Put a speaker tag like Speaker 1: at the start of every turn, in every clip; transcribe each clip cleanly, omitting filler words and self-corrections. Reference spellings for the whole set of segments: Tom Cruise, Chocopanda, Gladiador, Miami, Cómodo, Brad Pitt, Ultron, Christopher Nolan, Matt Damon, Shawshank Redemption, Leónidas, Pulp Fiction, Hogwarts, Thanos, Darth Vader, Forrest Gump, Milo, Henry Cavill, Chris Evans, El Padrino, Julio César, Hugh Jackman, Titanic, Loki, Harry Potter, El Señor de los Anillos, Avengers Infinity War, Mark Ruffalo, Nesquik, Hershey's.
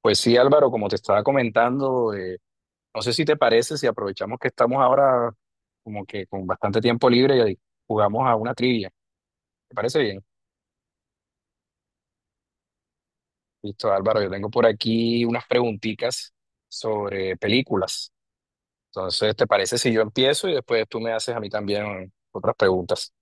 Speaker 1: Pues sí, Álvaro, como te estaba comentando, no sé si te parece, si aprovechamos que estamos ahora como que con bastante tiempo libre y jugamos a una trivia. ¿Te parece bien? Listo, Álvaro, yo tengo por aquí unas preguntitas sobre películas. Entonces, ¿te parece si yo empiezo y después tú me haces a mí también otras preguntas?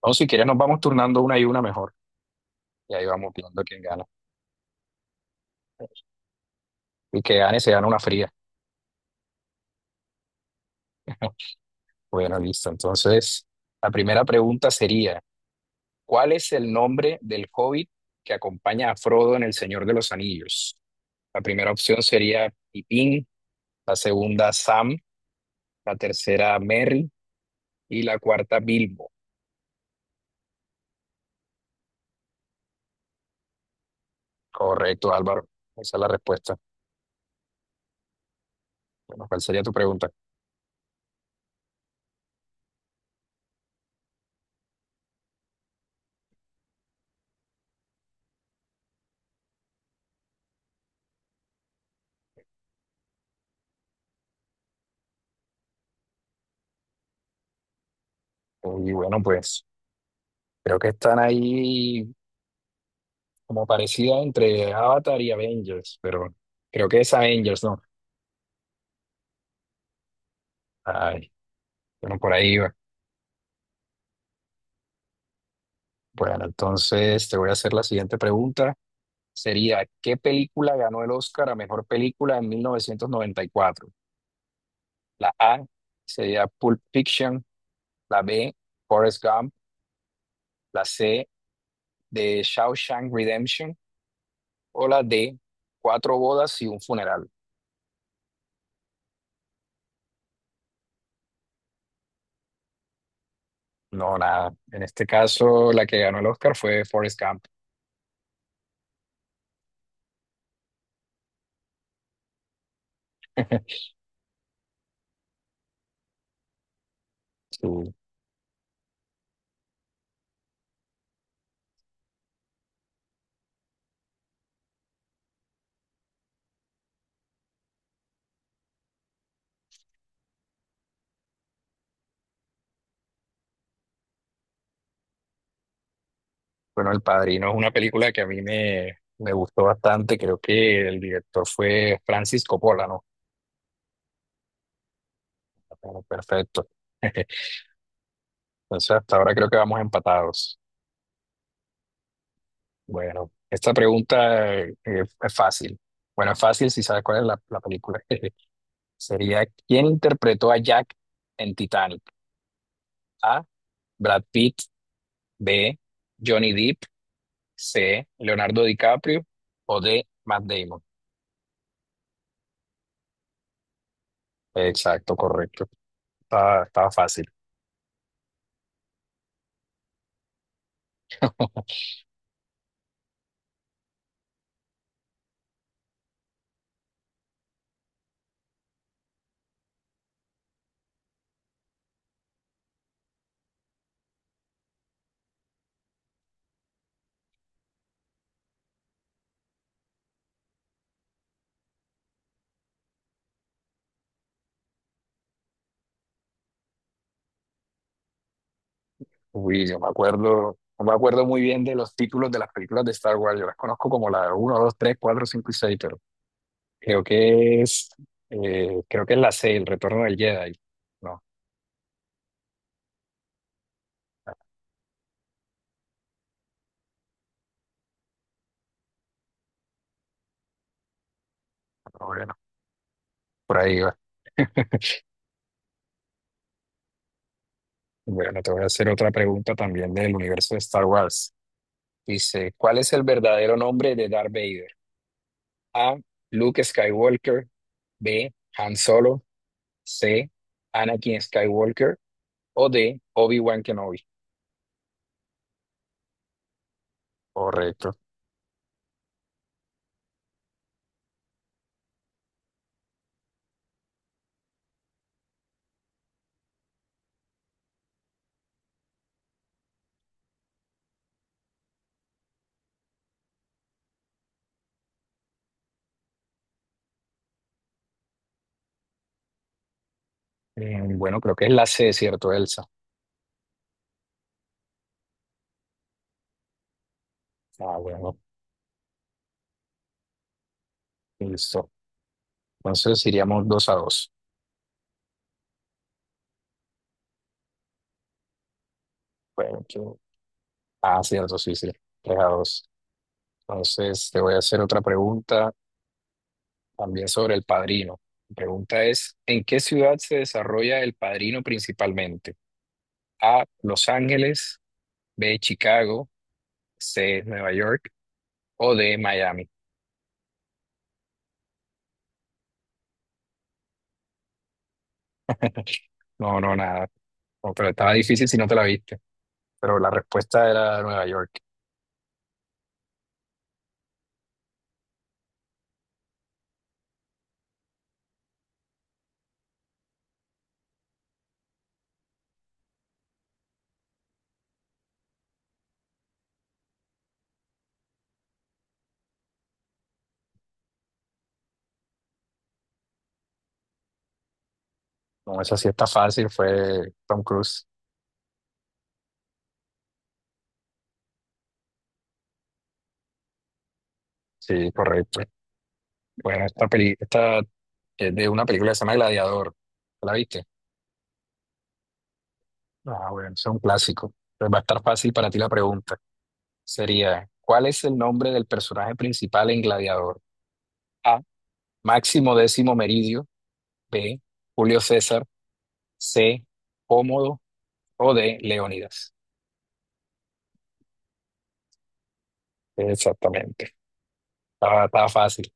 Speaker 1: O si quieres, nos vamos turnando una y una mejor y ahí vamos viendo quién gana. Y que gane se gana una fría. Bueno, listo. Entonces, la primera pregunta sería... ¿Cuál es el nombre del hobbit que acompaña a Frodo en El Señor de los Anillos? La primera opción sería Pippin, la segunda Sam, la tercera Merry y la cuarta Bilbo. Correcto, Álvaro. Esa es la respuesta. Bueno, ¿cuál sería tu pregunta? Y bueno, pues creo que están ahí como parecidas entre Avatar y Avengers, pero bueno, creo que es Avengers, ¿no? Ay, bueno, por ahí va. Bueno, entonces te voy a hacer la siguiente pregunta. Sería ¿qué película ganó el Oscar a mejor película en 1994? La A sería Pulp Fiction, la B, Forrest Gump, la C, de Shawshank Redemption o la D, Cuatro bodas y un funeral. No, nada. En este caso, la que ganó el Oscar fue Forrest Gump. Sí. Bueno, El Padrino es una película que a me gustó bastante. Creo que el director fue Francis Coppola, ¿no? Bueno, perfecto. Entonces, hasta ahora creo que vamos empatados. Bueno, esta pregunta es fácil. Bueno, es fácil si sabes cuál es la película. Sería, ¿quién interpretó a Jack en Titanic? A. Brad Pitt. B. Johnny Depp. C. Leonardo DiCaprio. O D. Matt Damon. Exacto, correcto. Estaba fácil. Uy, no me acuerdo muy bien de los títulos de las películas de Star Wars. Yo las conozco como la uno, 2, 3, 4, 5 y 6, pero creo que es, creo que es la 6, El Retorno del Jedi. No. Bueno, por ahí va. Bueno, te voy a hacer otra pregunta también del universo de Star Wars. Dice, ¿cuál es el verdadero nombre de Darth Vader? A. Luke Skywalker. B. Han Solo. C. Anakin Skywalker. O D. Obi-Wan Kenobi. Correcto. Bueno, creo que es la C, ¿cierto, Elsa? Ah, bueno, listo. Entonces iríamos dos a dos. Bueno, yo- Ah, cierto, sí, sí. Tres a dos. Entonces te voy a hacer otra pregunta. También sobre El Padrino. Mi pregunta es, ¿en qué ciudad se desarrolla El Padrino principalmente? A, Los Ángeles, B, Chicago, C, Nueva York o D, Miami. No, nada. No, pero estaba difícil si no te la viste. Pero la respuesta era Nueva York. No, esa sí está fácil, fue Tom Cruise. Sí, correcto. Bueno, esta es de una película que se llama Gladiador. ¿La viste? Ah, bueno, es un clásico. Entonces va a estar fácil para ti la pregunta. Sería, ¿cuál es el nombre del personaje principal en Gladiador? A. Máximo Décimo Meridio. B. Julio César. C. Cómodo. O D. Leónidas. Exactamente. Estaba fácil.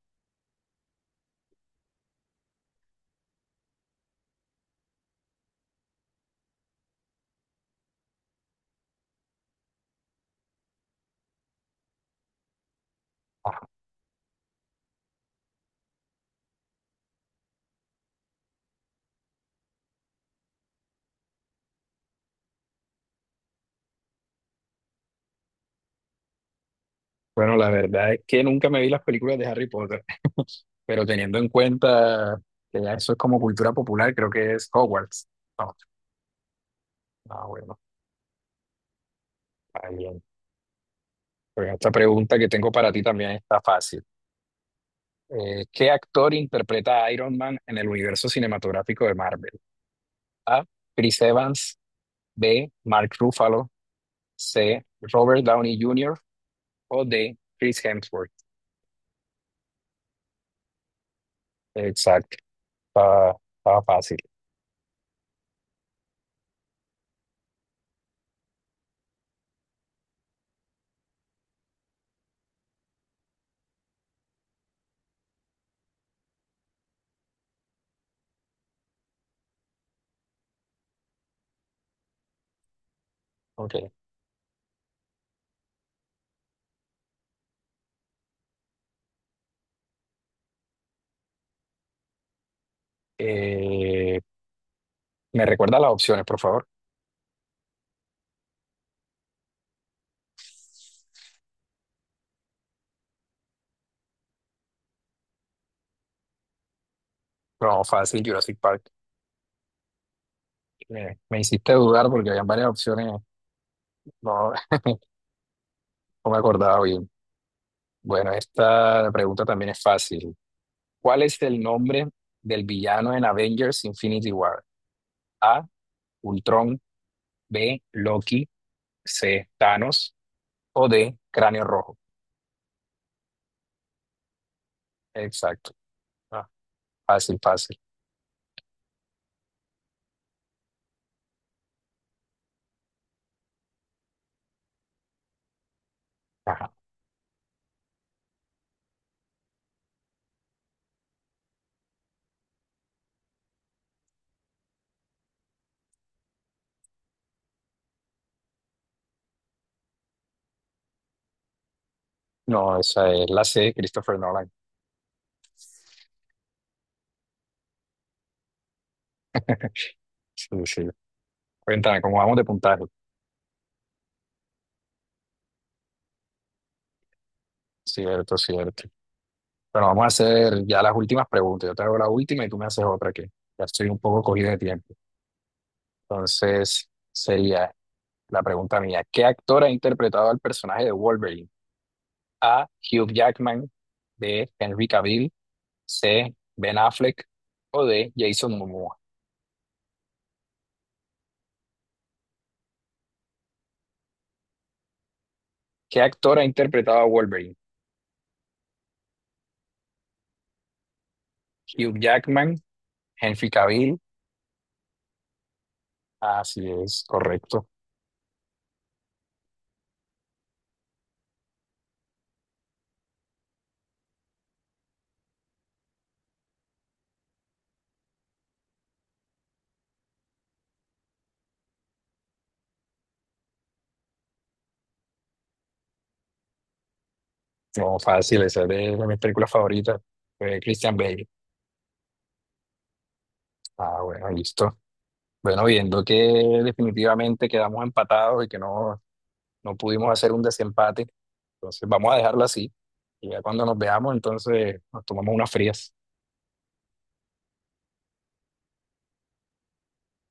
Speaker 1: Bueno, la verdad es que nunca me vi las películas de Harry Potter, pero teniendo en cuenta que ya eso es como cultura popular, creo que es Hogwarts. No, ah, bueno, está bien. Pero esta pregunta que tengo para ti también está fácil. ¿Qué actor interpreta a Iron Man en el universo cinematográfico de Marvel? A. Chris Evans. B. Mark Ruffalo. C. Robert Downey Jr. o D. Chris Hemsworth. Exacto. Estaba fácil. Ok. Eh, ¿Me recuerda las opciones, por favor? No, fácil, Jurassic Park. Me hiciste dudar porque habían varias opciones. No, no me acordaba bien. Bueno, esta pregunta también es fácil. ¿Cuál es el nombre del villano en Avengers Infinity War? A. Ultron, B, Loki, C, Thanos o D, Cráneo Rojo. Exacto. Ah, fácil, fácil. Ajá. No, esa es la C, Christopher Nolan. Sí, sí. Cuéntame, ¿cómo vamos de puntaje? Cierto, cierto. Bueno, vamos a hacer ya las últimas preguntas. Yo te hago la última y tú me haces otra que ya estoy un poco cogido de tiempo. Entonces, sería la pregunta mía. ¿Qué actor ha interpretado al personaje de Wolverine? A, Hugh Jackman, B, Henry Cavill, C. Ben Affleck o D. Jason Momoa. ¿Qué actor ha interpretado a Wolverine? Hugh Jackman, Henry Cavill. Así es, correcto. No, fácil, esa es de, mis películas favoritas. Fue Christian Bale. Ah, bueno, listo. Bueno, viendo que definitivamente quedamos empatados y que no pudimos hacer un desempate, entonces vamos a dejarlo así. Y ya cuando nos veamos, entonces nos tomamos unas frías.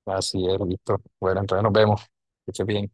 Speaker 1: Así es, listo. Bueno, entonces nos vemos. Que estés bien.